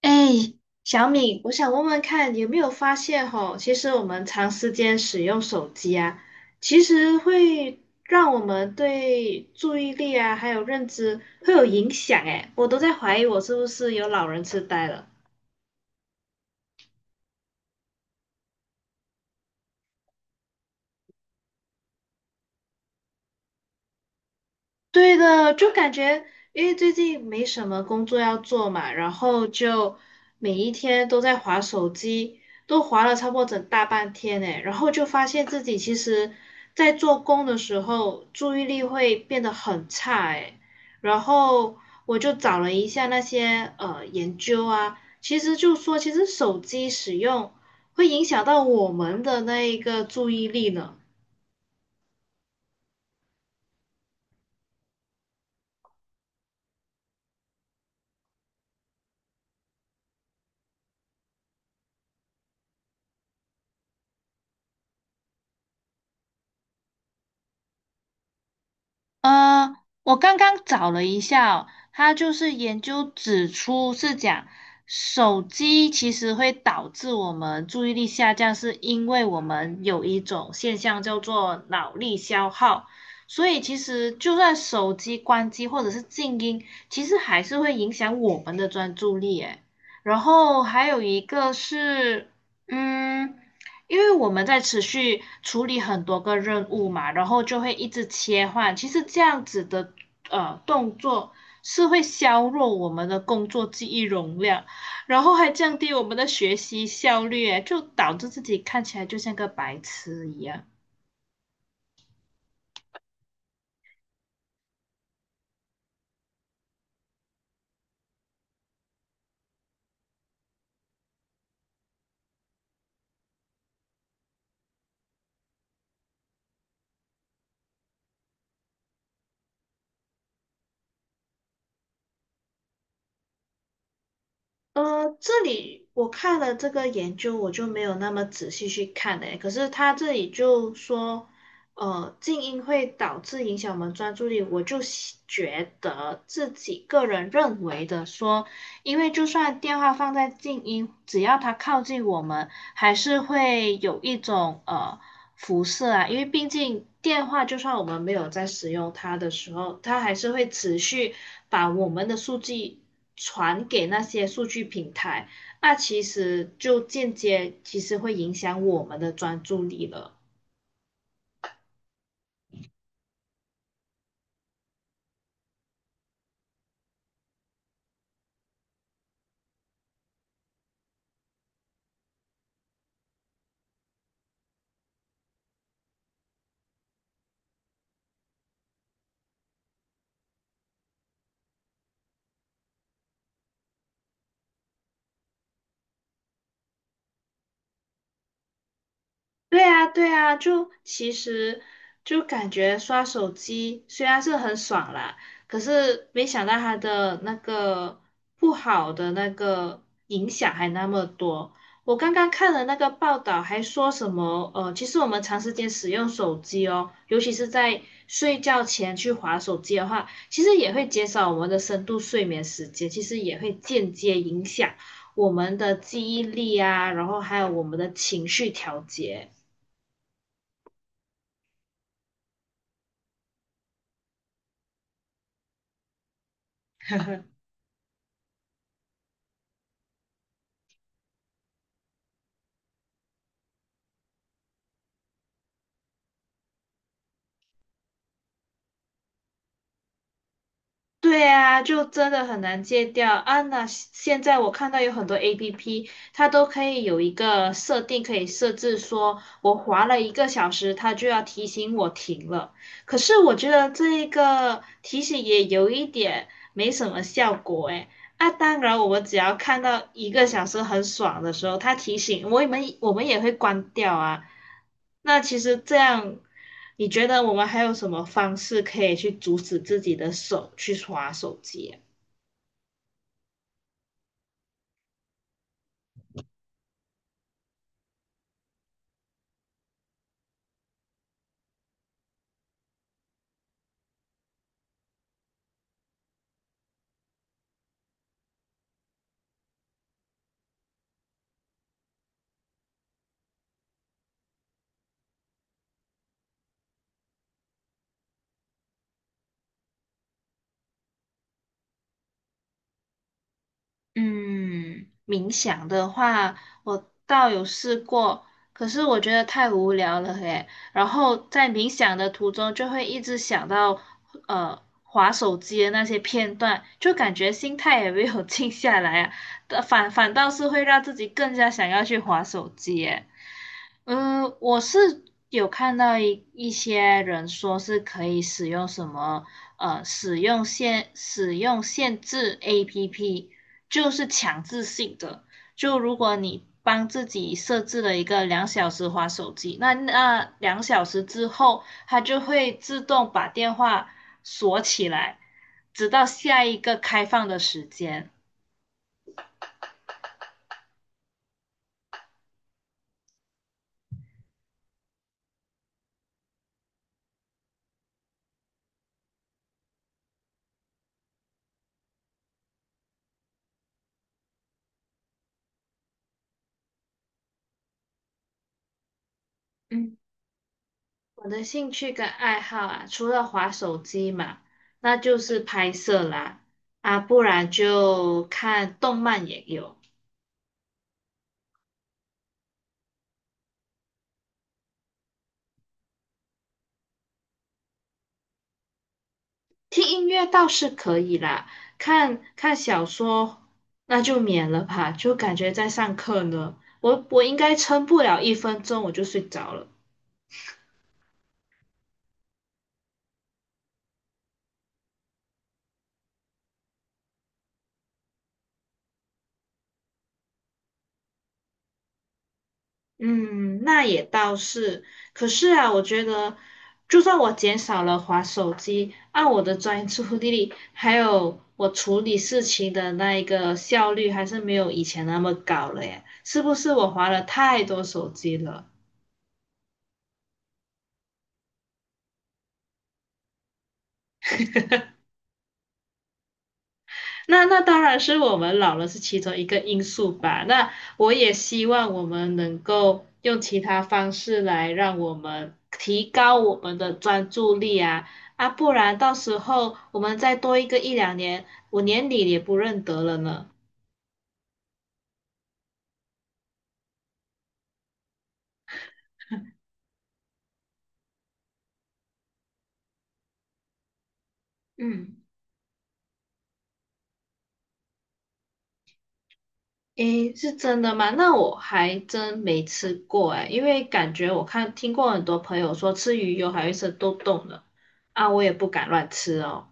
哎，小敏，我想问问看，有没有发现吼，其实我们长时间使用手机啊，其实会让我们对注意力啊，还有认知会有影响。哎，我都在怀疑我是不是有老人痴呆了。对的，就感觉因为最近没什么工作要做嘛，然后就每一天都在划手机，都划了差不多整大半天诶，然后就发现自己其实，在做工的时候注意力会变得很差诶，然后我就找了一下那些研究啊，其实就说其实手机使用会影响到我们的那一个注意力呢。呃，我刚刚找了一下哦，它就是研究指出是讲手机其实会导致我们注意力下降，是因为我们有一种现象叫做脑力消耗，所以其实就算手机关机或者是静音，其实还是会影响我们的专注力诶。然后还有一个是，嗯，因为我们在持续处理很多个任务嘛，然后就会一直切换。其实这样子的动作是会削弱我们的工作记忆容量，然后还降低我们的学习效率，诶就导致自己看起来就像个白痴一样。这里我看了这个研究，我就没有那么仔细去看嘞。可是他这里就说，静音会导致影响我们专注力。我就喜觉得自己个人认为的说，因为就算电话放在静音，只要它靠近我们，还是会有一种辐射啊，因为毕竟电话就算我们没有在使用它的时候，它还是会持续把我们的数据传给那些数据平台，那其实就间接其实会影响我们的专注力了。对啊，对啊，就其实就感觉刷手机虽然是很爽啦，可是没想到它的那个不好的那个影响还那么多。我刚刚看了那个报道，还说什么其实我们长时间使用手机哦，尤其是在睡觉前去划手机的话，其实也会减少我们的深度睡眠时间，其实也会间接影响我们的记忆力啊，然后还有我们的情绪调节。对啊，就真的很难戒掉啊！那现在我看到有很多 APP，它都可以有一个设定，可以设置说，我滑了一个小时，它就要提醒我停了。可是我觉得这一个提醒也有一点没什么效果诶，啊，当然，我们只要看到一个小时很爽的时候，它提醒我们，我们也会关掉啊。那其实这样，你觉得我们还有什么方式可以去阻止自己的手去耍手机啊嗯，冥想的话，我倒有试过，可是我觉得太无聊了耶。然后在冥想的途中，就会一直想到划手机的那些片段，就感觉心态也没有 静下来啊，反倒是会让自己更加想要去划手机耶。嗯，我是有看到一些人说是可以使用什么使用限制 APP，就是强制性的。就如果你帮自己设置了一个两小时划手机，那两小时之后，它就会自动把电话锁起来，直到下一个开放的时间。嗯。我的兴趣跟爱好啊，除了滑手机嘛，那就是拍摄啦，啊，不然就看动漫也有，听音乐倒是可以啦，看看小说那就免了吧，就感觉在上课呢，我应该撑不了1分钟我就睡着了。嗯，那也倒是。可是啊，我觉得，就算我减少了滑手机，按我的专注力，还有我处理事情的那一个效率，还是没有以前那么高了耶。是不是我滑了太多手机了？那当然是我们老了是其中一个因素吧。那我也希望我们能够用其他方式来让我们提高我们的专注力啊啊，不然到时候我们再多一个一两年，我连你也不认得了呢。嗯，诶，是真的吗？那我还真没吃过诶，因为感觉我看听过很多朋友说吃鱼油还会是都痘呢，啊，我也不敢乱吃哦。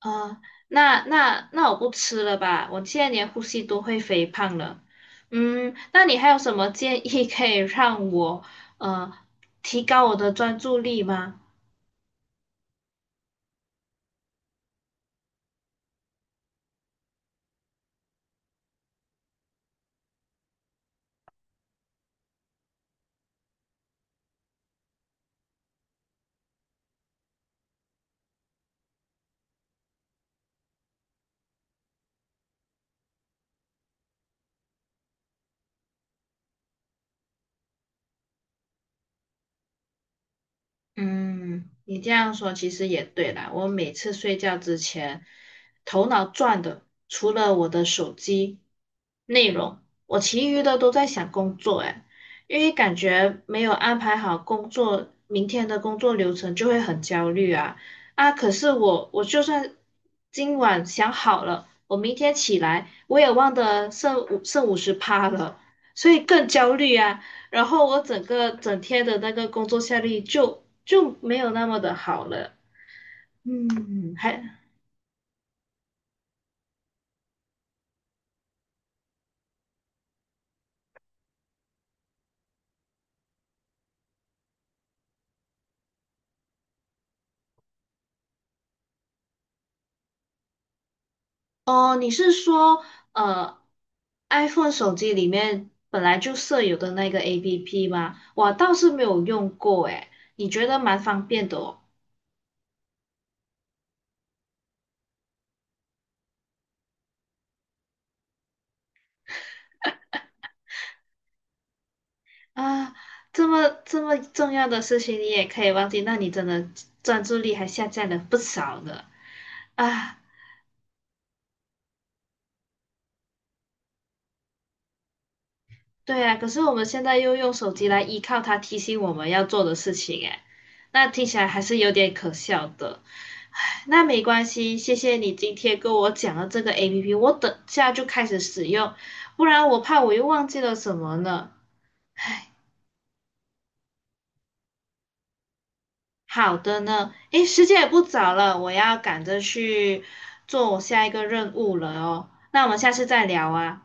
啊，那我不吃了吧，我现在连呼吸都会肥胖了。嗯，那你还有什么建议可以让我呃提高我的专注力吗？嗯，你这样说其实也对啦。我每次睡觉之前，头脑转的除了我的手机内容，我其余的都在想工作。哎，因为感觉没有安排好工作，明天的工作流程就会很焦虑啊啊！可是我就算今晚想好了，我明天起来我也忘得剩50趴了，所以更焦虑啊。然后我整个整天的那个工作效率就没有那么的好了。嗯，还哦，你是说呃，iPhone 手机里面本来就设有的那个 APP 吗？我倒是没有用过诶，你觉得蛮方便的哦。啊，这么重要的事情你也可以忘记，那你真的专注力还下降了不少呢。啊，对啊，可是我们现在又用手机来依靠它提醒我们要做的事情，哎，那听起来还是有点可笑的。那没关系，谢谢你今天跟我讲了这个 APP，我等下就开始使用，不然我怕我又忘记了什么呢。好的呢，诶，时间也不早了，我要赶着去做我下一个任务了哦。那我们下次再聊啊。